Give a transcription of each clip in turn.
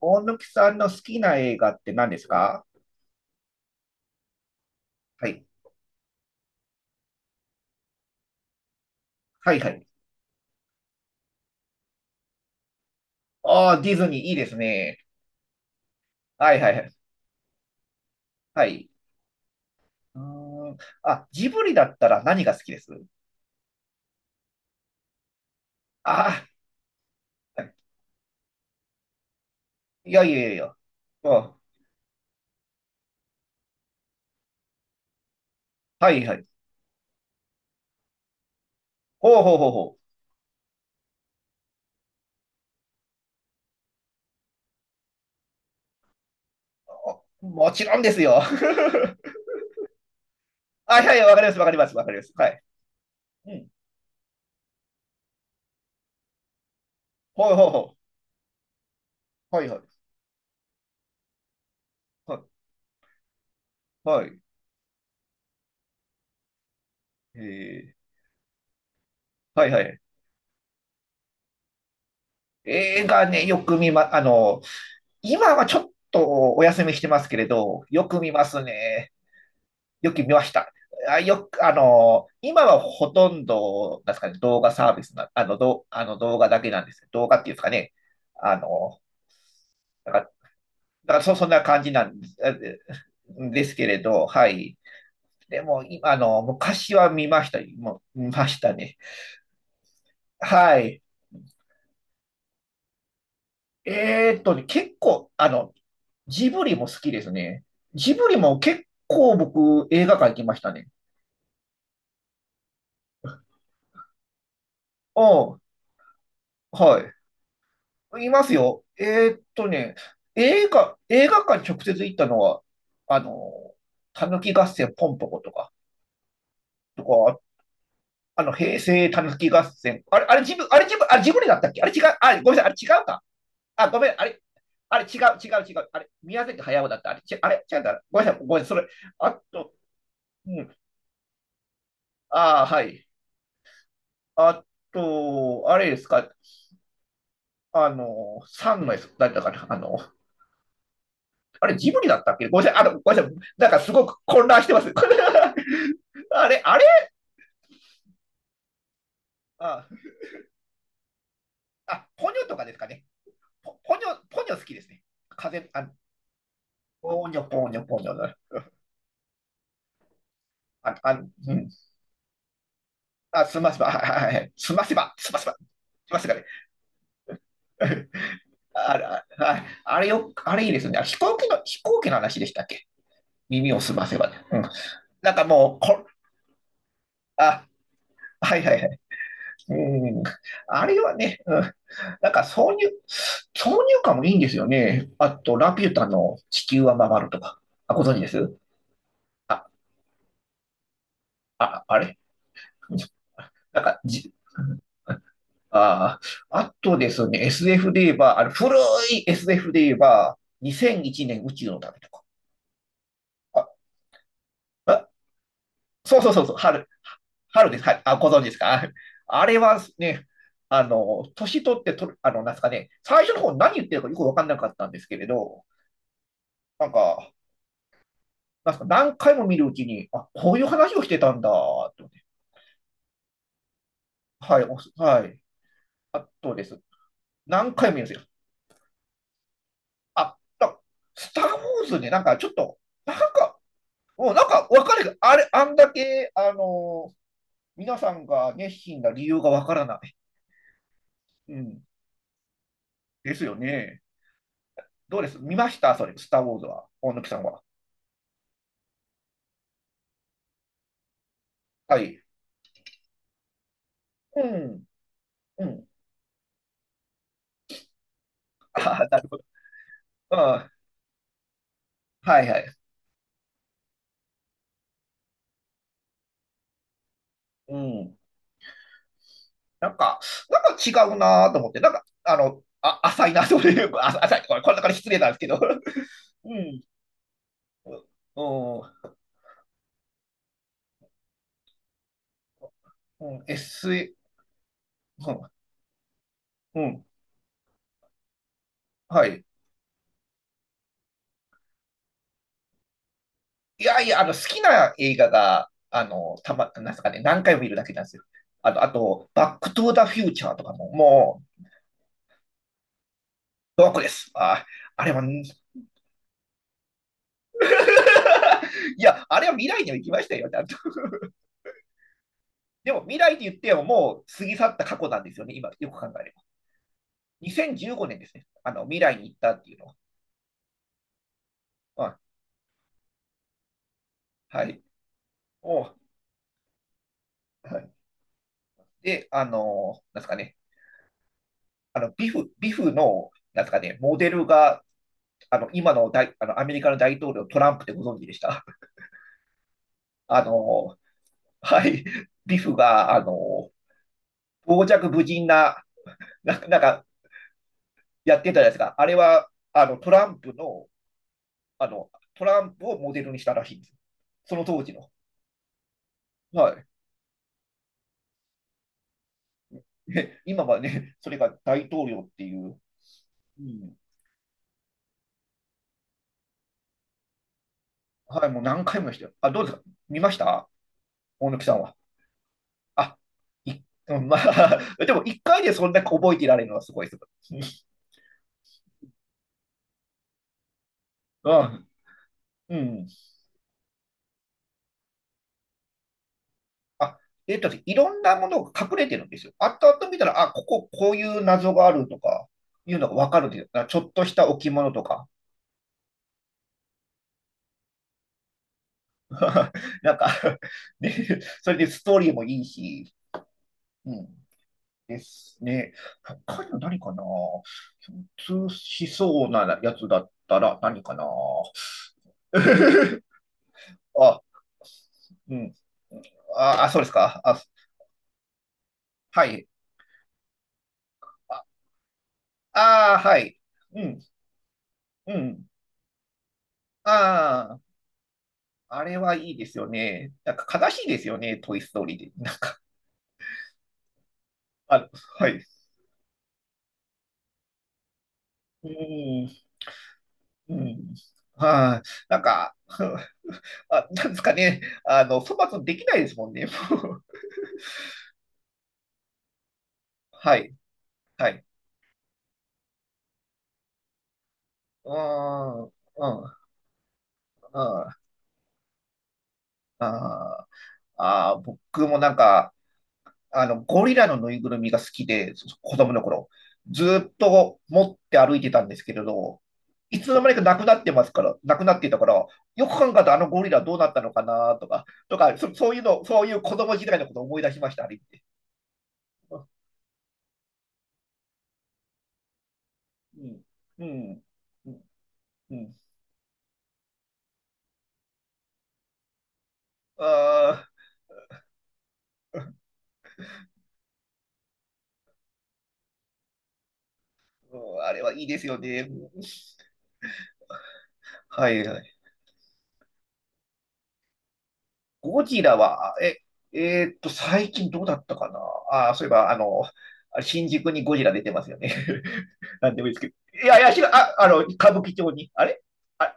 大貫さんの好きな映画って何ですか？はい。はいはい。ああ、ディズニーいいですね。はいはいはい。はい。うーん。あ、ジブリだったら何が好きです？ああ、いやいやいやいや。うん。はいはい。ほうほうほうほう。あ、もちろんですよ。あ、はいはい、わかります、わかります、わかります。はい。うん。ほうほうほう。はいはい。はい。はい。えはいはい。映画ね、よく見ま、あの、今はちょっとお休みしてますけれど、よく見ますね。よく見ました。あ、よく、あの、今はほとんど、なんですかね、動画サービスな、あの、どう、あの動画だけなんです。動画っていうんですかね。あの、だから、そんな感じなんです、ですけれど、はい。でも、今、昔は見ました。もう見ましたね。はい。結構、ジブリも好きですね。ジブリも結構僕、映画館行きましたね。うん。はい。いますよ。ーっとね、映画館直接行ったのは、あの、たぬき合戦ポンポコとか、とか、平成たぬき合戦。あれ、あれ自分、あれ自分、あれ自分でだったっけ？あれ違う、あれ、ごめんなさい、あれ違うか。あ、ごめん、あれ、違う、違う。あれ、宮崎駿だった。あれ、あれ違うんだ。ごめんなさい、ごめんなさい、それ。あと、うん、ああ、はい。あと、あれですか、三のやつ、誰だったかな、あれ、ジブリだったっけ？ごめんなさい、ごめんなさい、なんかすごく混乱してます。あれ、あれああ、ポニョとかですかね。ポニョ好きですね。風、あポニョ、ポニョ、ポニョ。あ、あ、うん。あ、すませば、はいはいはい。すませばね。あれ、ああれよ、あれいいですね。飛行機の話でしたっけ？耳をすませばね。うん。なんかもう、こ、あ、はいはいはい。うん。あれはね、うん。なんか挿入、挿入感もいいんですよね。あと、ラピュタの地球は回るとか。あ、ご存知です？あ、あ、あれなんか、じ、ああ、あとですね、SF で言えば、古い SF で言えば、2001年宇宙の旅とか。あ、あ、そうそうそうそう、春、春です。はい。あ、ご存知ですか？あれはね、年取って、なんですかね、最初の方何言ってるかよくわかんなかったんですけれど、なんか、なんか、何回も見るうちに、あ、こういう話をしてたんだ、と思って。はい、はい。あとです。何回も見るんですよ。あ、だ、スター・ウォーズね、なんかちょっと、なんか、もうなんかわかる。あれ、あんだけ、皆さんが熱心な理由がわからない。うん。ですよね。どうです？見ました？それ、スター・ウォーズは。大貫さんは。はい。うん。うん。ああ、なるほど。うん。はいはい。うん。なんか、なんか違うなと思って、なんか、浅いなという あ浅い、これ、こんなから失礼なんですけど。うん。うん。うん。うん。うん。はい。いやいや、好きな映画が、なんですかね、何回も見るだけなんですよ。あと、バックトゥーザフューチャーとかも、もう、ドアクです。あ、あれは、いや、あれは未来には行きましたよ、ちゃんと。でも、未来って言っても、もう過ぎ去った過去なんですよね、今、よく考えれば。2015年ですね。未来に行ったっていうのは。あはい。おはい。で、なんですかね。ビフの、なんですかね、モデルが、あの、今の大、あの、アメリカの大統領、トランプってご存知でした？あの、はい。ビフが、傍若無人な、なんか、やってたじゃないですか。あれは、トランプをモデルにしたらしいんです。その当時の。はい。で今はね、それが大統領っていう。うん、はい、もう何回も見ましたよ。あ、どうですか？見ました？大貫さんは。あ、い、うん、まあ、でも一回でそんな覚えていられるのはすごいです。うんうん。あ、いろんなものが隠れてるんですよ。後々見たら、あ、こういう謎があるとか、いうのがわかるんですよ。ちょっとした置物とか。なんか ね、それでストーリーもいいし、うん。ですね。他には何かな？共通しそうなやつだったら何かな？ あ、うん。あ、あ、そうですか。あ、はい。あ、あーはい。うん、うん。ああ、あれはいいですよね。なんか悲しいですよね、トイ・ストーリーで。なんか、あ、はい。うーん、うん。はい。なんか、あ、なんですかね。粗末にできないですもんね。はい。はい。うん、うん、うん、あーあー、僕もなんか、ゴリラのぬいぐるみが好きで、子供の頃、ずーっと持って歩いてたんですけれど、いつの間にかなくなっていたから、よく考えたらあのゴリラどうなったのかなとか、そ、そういうの、そういう子供時代のことを思い出しました、あれ見て。うん、うん、うん、うん。ああ、うん、あれはいいですよね。はい。ゴジラは、え、えーっと、最近どうだったかな。そういえば、あれ新宿にゴジラ出てますよね。なんでもいいですけど。いやいや、知ら、あ、あの、歌舞伎町に。あれあ、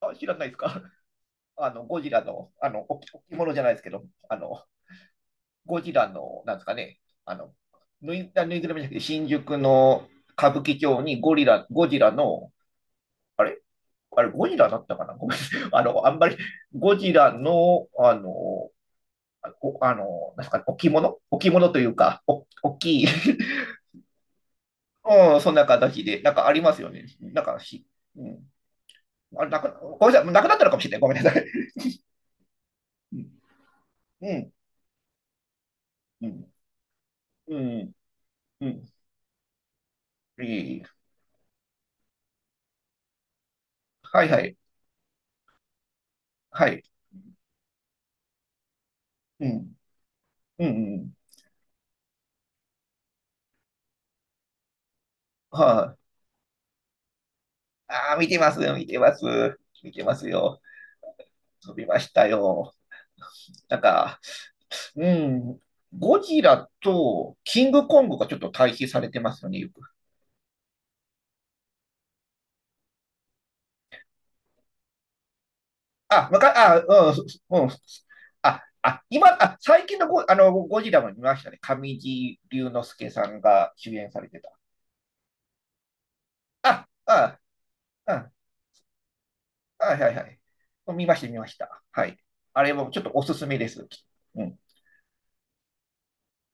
あ知らないですか？ ゴジラの、置物じゃないですけど、あの、ゴジラの、なんですかね、あの、ぬいぐるみじゃなくて、新宿の歌舞伎町にゴジラの、あれあれ、ゴジラだったかな？ごめん。あんまり、ゴジラの、あの、おあの、なんすかね、置物というか、大きい、うん、そんな形で、なんかありますよね。なんかし、うん。あれなく、ごめんなさい、なくなったのかもしれない。ごめんなさい。うん、うん、うん、うん、うん。いいはいはい、はい。うん、うん、うん。はい。あああ、見てますよ、見てます。見てますよ。飛びましたよ。なんか、うん、ゴジラとキングコングがちょっと対比されてますよね、よく。あ、わか、あ、うん、そうん。すあ、あ、今、あ、最近のゴ、あの、ゴジラも見ましたね。上地龍之介さんが主演されてた。あ、あ、あ、あ、はいはい。見ました、見ました。はい。あれもちょっとおすすめです。うん。